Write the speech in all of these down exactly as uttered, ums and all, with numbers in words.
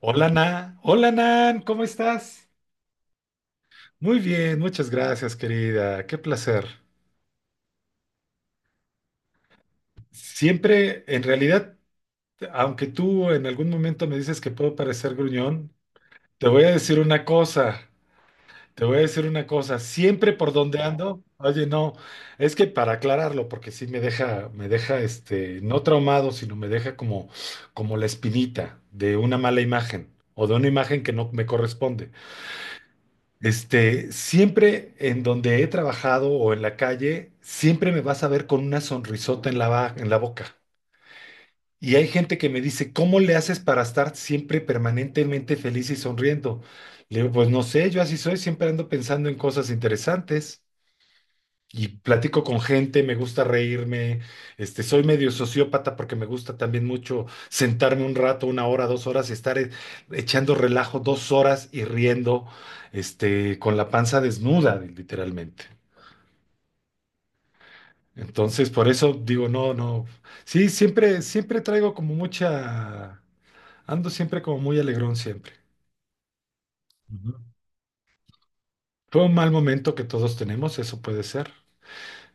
Hola, Nan. Hola, Nan. ¿Cómo estás? Muy bien, muchas gracias, querida. Qué placer. Siempre, en realidad, aunque tú en algún momento me dices que puedo parecer gruñón, te voy a decir una cosa. Te voy a decir una cosa. Siempre por donde ando, oye, no, es que para aclararlo, porque sí me deja, me deja, este, no traumado, sino me deja como, como la espinita de una mala imagen o de una imagen que no me corresponde. Este, siempre en donde he trabajado o en la calle, siempre me vas a ver con una sonrisota en la, ba- en la boca. Y hay gente que me dice, ¿cómo le haces para estar siempre permanentemente feliz y sonriendo? Le digo, pues no sé, yo así soy, siempre ando pensando en cosas interesantes y platico con gente, me gusta reírme, este, soy medio sociópata porque me gusta también mucho sentarme un rato, una hora, dos horas y estar e- echando relajo dos horas y riendo, este, con la panza desnuda, literalmente. Entonces, por eso digo, no, no, sí, siempre, siempre traigo como mucha, ando siempre como muy alegrón siempre. Ujú. Fue un mal momento que todos tenemos, eso puede ser.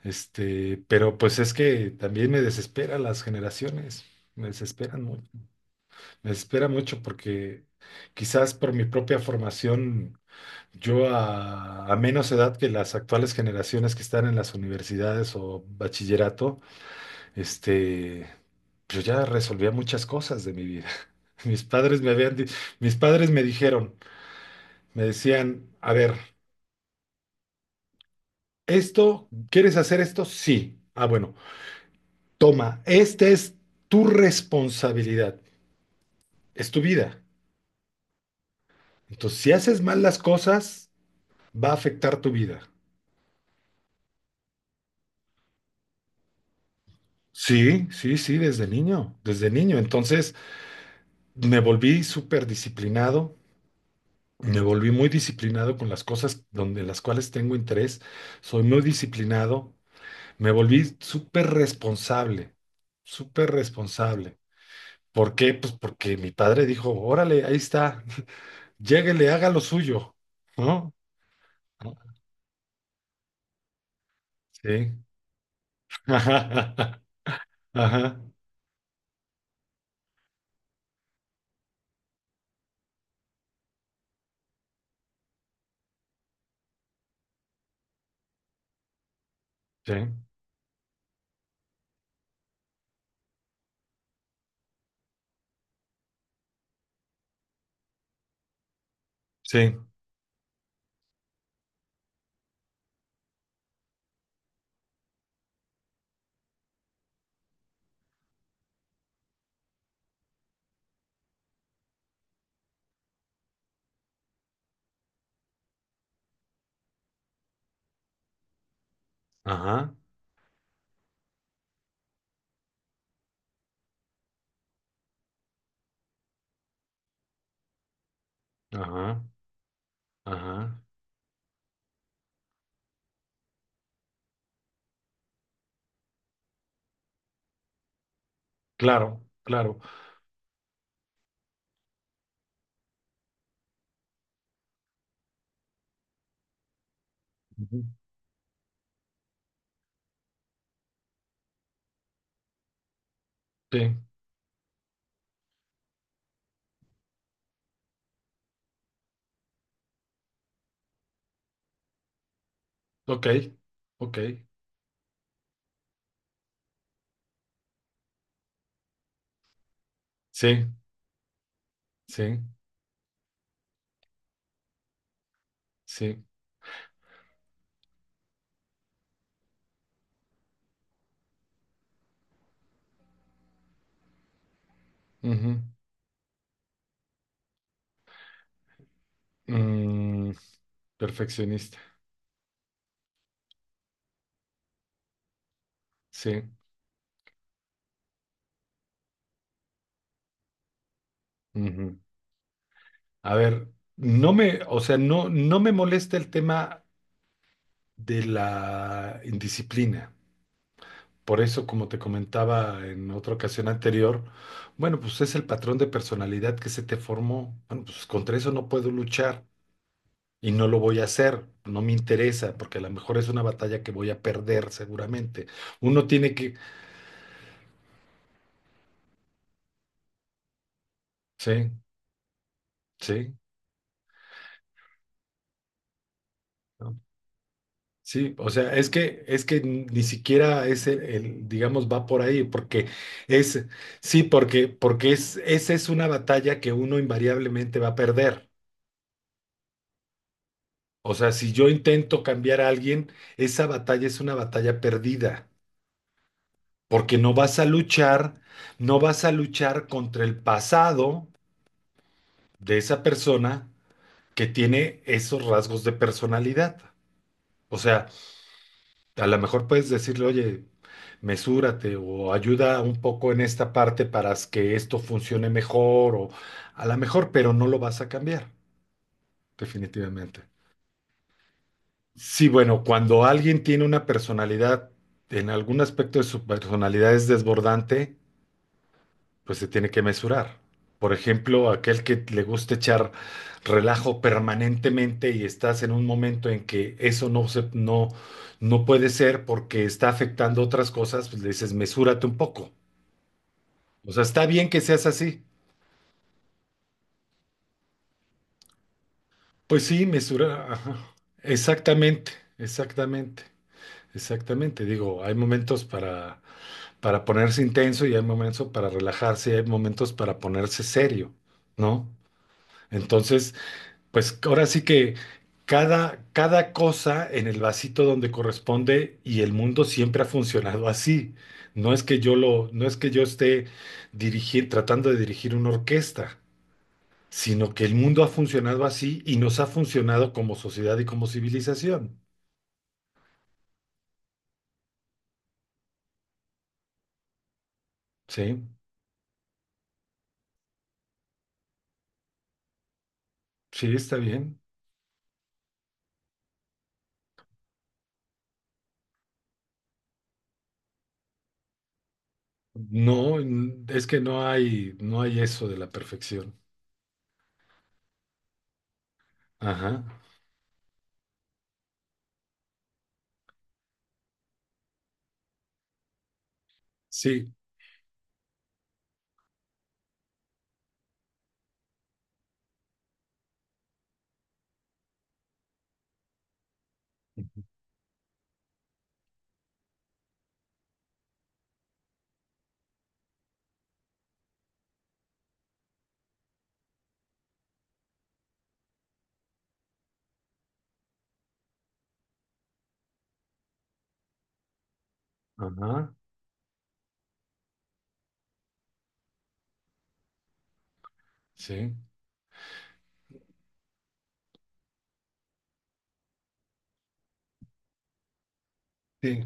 Este, pero pues es que también me desespera las generaciones, me desesperan mucho, me desespera mucho porque quizás por mi propia formación, yo a, a menos edad que las actuales generaciones que están en las universidades o bachillerato, este, yo ya resolvía muchas cosas de mi vida. Mis padres me habían, di- mis padres me dijeron, me decían, a ver, esto, ¿quieres hacer esto? Sí. Ah, bueno, toma, esta es tu responsabilidad. Es tu vida. Entonces, si haces mal las cosas, va a afectar tu vida. Sí, sí, sí, desde niño, desde niño. Entonces, me volví súper disciplinado, me volví muy disciplinado con las cosas donde las cuales tengo interés. Soy muy disciplinado, me volví súper responsable, súper responsable. ¿Por qué? Pues porque mi padre dijo, órale, ahí está, lléguele, haga lo suyo, ¿no? ¿No? Sí. Ajá, ajá, sí, sí. Ajá, ajá, ajá. Claro, claro. Ujú. Sí, ok, ok. Sí, sí, sí. Ujú. Mm, perfeccionista, sí. Ujú. A ver, no me, o sea, no, no me molesta el tema de la indisciplina. Por eso, como te comentaba en otra ocasión anterior, bueno, pues es el patrón de personalidad que se te formó. Bueno, pues contra eso no puedo luchar. Y no lo voy a hacer, no me interesa, porque a lo mejor es una batalla que voy a perder seguramente. Uno tiene que, sí, sí, ¿no? Sí, o sea, es que, es que ni siquiera es el, el, digamos, va por ahí, porque es, sí, porque, porque es, esa es una batalla que uno invariablemente va a perder. O sea, si yo intento cambiar a alguien, esa batalla es una batalla perdida, porque no vas a luchar, no vas a luchar contra el pasado de esa persona, que tiene esos rasgos de personalidad. O sea, a lo mejor puedes decirle, oye, mesúrate o ayuda un poco en esta parte para que esto funcione mejor o a lo mejor, pero no lo vas a cambiar, definitivamente. Sí, bueno, cuando alguien tiene una personalidad, en algún aspecto de su personalidad es desbordante, pues se tiene que mesurar. Por ejemplo, aquel que le gusta echar relajo permanentemente y estás en un momento en que eso no se, no, no puede ser porque está afectando otras cosas, pues le dices, mesúrate un poco. O sea, está bien que seas así. Pues sí, mesura. Ajá. Exactamente, exactamente, exactamente. Digo, hay momentos para, para ponerse intenso y hay momentos para relajarse y hay momentos para ponerse serio, ¿no? Entonces, pues ahora sí que cada, cada cosa en el vasito donde corresponde y el mundo siempre ha funcionado así. No es que yo lo, no es que yo esté dirigir, tratando de dirigir una orquesta, sino que el mundo ha funcionado así y nos ha funcionado como sociedad y como civilización. Sí, sí, está bien. No, n- es que no hay, no hay eso de la perfección. Ajá, sí, ajá, sí, sí.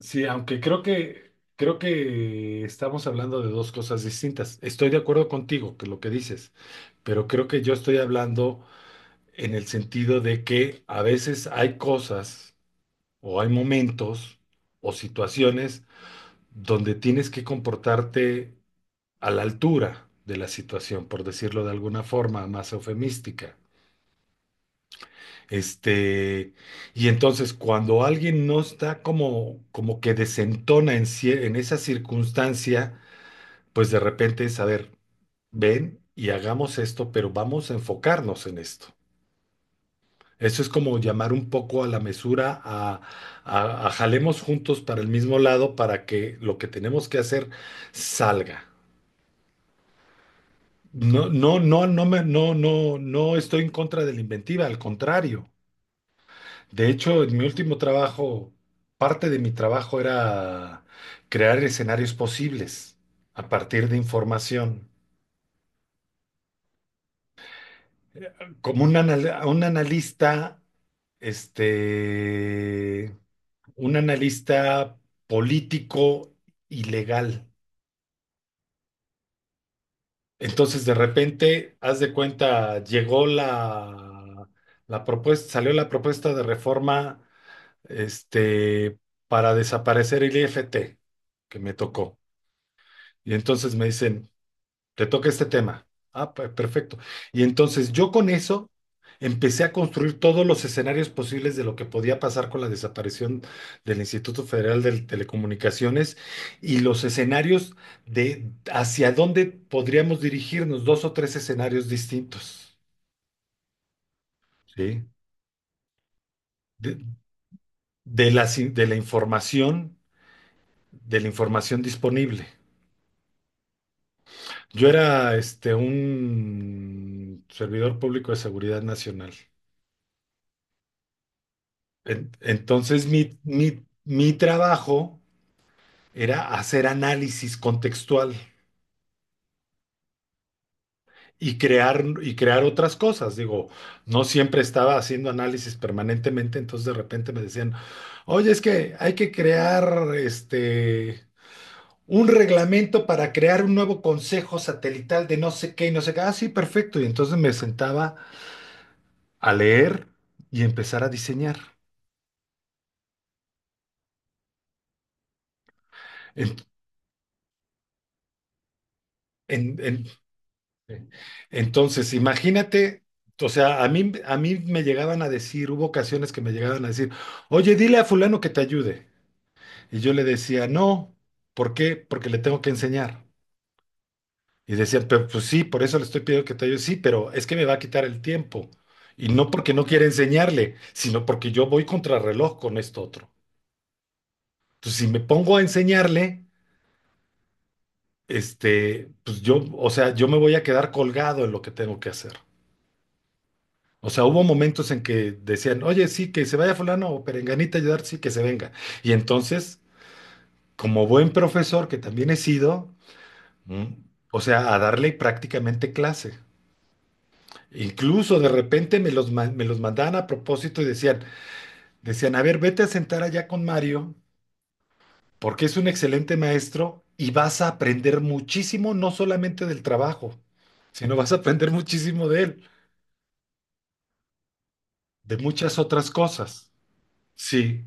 Sí, aunque creo que creo que estamos hablando de dos cosas distintas. Estoy de acuerdo contigo que lo que dices, pero creo que yo estoy hablando en el sentido de que a veces hay cosas o hay momentos o situaciones donde tienes que comportarte a la altura de la situación, por decirlo de alguna forma más eufemística. Este, y entonces cuando alguien no está como, como que desentona en, cie- en esa circunstancia, pues de repente es, a ver, ven y hagamos esto, pero vamos a enfocarnos en esto. Eso es como llamar un poco a la mesura, a, a- a jalemos juntos para el mismo lado para que lo que tenemos que hacer salga. No, no, no, no me, no, no, no estoy en contra de la inventiva, al contrario. De hecho, en mi último trabajo, parte de mi trabajo era crear escenarios posibles a partir de información. Como un, anal- un analista, este, un analista político y legal. Entonces, de repente, haz de cuenta, llegó la, la propuesta, salió la propuesta de reforma, este, para desaparecer el I F T, que me tocó. Y entonces me dicen, te toca este tema. Ah, pe- perfecto. Y entonces yo con eso empecé a construir todos los escenarios posibles de lo que podía pasar con la desaparición del Instituto Federal de Telecomunicaciones y los escenarios de hacia dónde podríamos dirigirnos, dos o tres escenarios distintos, ¿sí? De, de las in- de la información, de la información disponible. Yo era este un servidor público de seguridad nacional. En- Entonces mi, mi, mi trabajo era hacer análisis contextual y crear, y crear otras cosas. Digo, no siempre estaba haciendo análisis permanentemente, entonces de repente me decían, oye, es que hay que crear este, un reglamento para crear un nuevo consejo satelital de no sé qué y no sé qué. Ah, sí, perfecto. Y entonces me sentaba a leer y empezar a diseñar. En- en- en- Entonces, imagínate, o sea, a mí, a mí me llegaban a decir, hubo ocasiones que me llegaban a decir, oye, dile a fulano que te ayude. Y yo le decía, no, ¿por qué? Porque le tengo que enseñar. Y decían, pero pues sí, por eso le estoy pidiendo que te ayude. Sí, pero es que me va a quitar el tiempo. Y no porque no quiera enseñarle, sino porque yo voy contrarreloj con esto otro. Entonces, si me pongo a enseñarle, este, pues yo, o sea, yo me voy a quedar colgado en lo que tengo que hacer. O sea, hubo momentos en que decían, oye, sí, que se vaya fulano o perenganita a ayudar, sí, que se venga. Y entonces, como buen profesor que también he sido, ¿m? O sea, a darle prácticamente clase. Incluso de repente me los, ma- me los mandaban a propósito y decían, decían, a ver, vete a sentar allá con Mario, porque es un excelente maestro y vas a aprender muchísimo, no solamente del trabajo, sino vas a aprender muchísimo de él, de muchas otras cosas. Sí,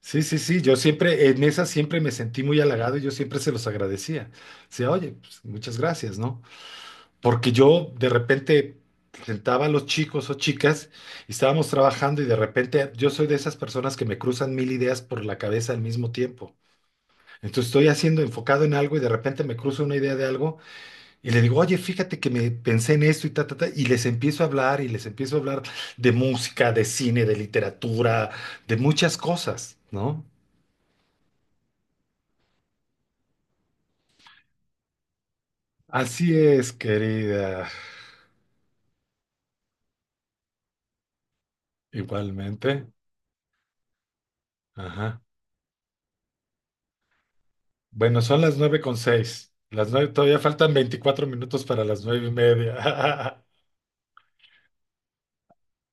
sí, sí, sí, yo siempre, en esa siempre me sentí muy halagado y yo siempre se los agradecía. Decía, oye, pues, muchas gracias, ¿no? Porque yo de repente sentaba a los chicos o chicas y estábamos trabajando y de repente yo soy de esas personas que me cruzan mil ideas por la cabeza al mismo tiempo. Entonces estoy haciendo enfocado en algo y de repente me cruzo una idea de algo y le digo, oye, fíjate que me pensé en esto y ta, ta, ta, y les empiezo a hablar y les empiezo a hablar de música, de cine, de literatura, de muchas cosas, ¿no? Así es, querida. Igualmente. Ajá. Bueno, son las nueve con seis. Las nueve, todavía faltan veinticuatro minutos para las nueve y media.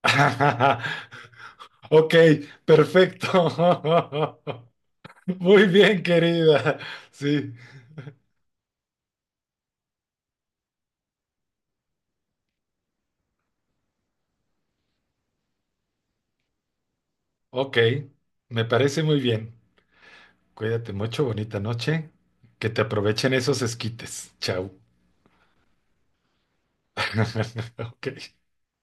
Ok, perfecto. Muy bien, querida. Sí, ok. Me parece muy bien. Cuídate mucho, bonita noche. Que te aprovechen esos esquites. Chao. Ok.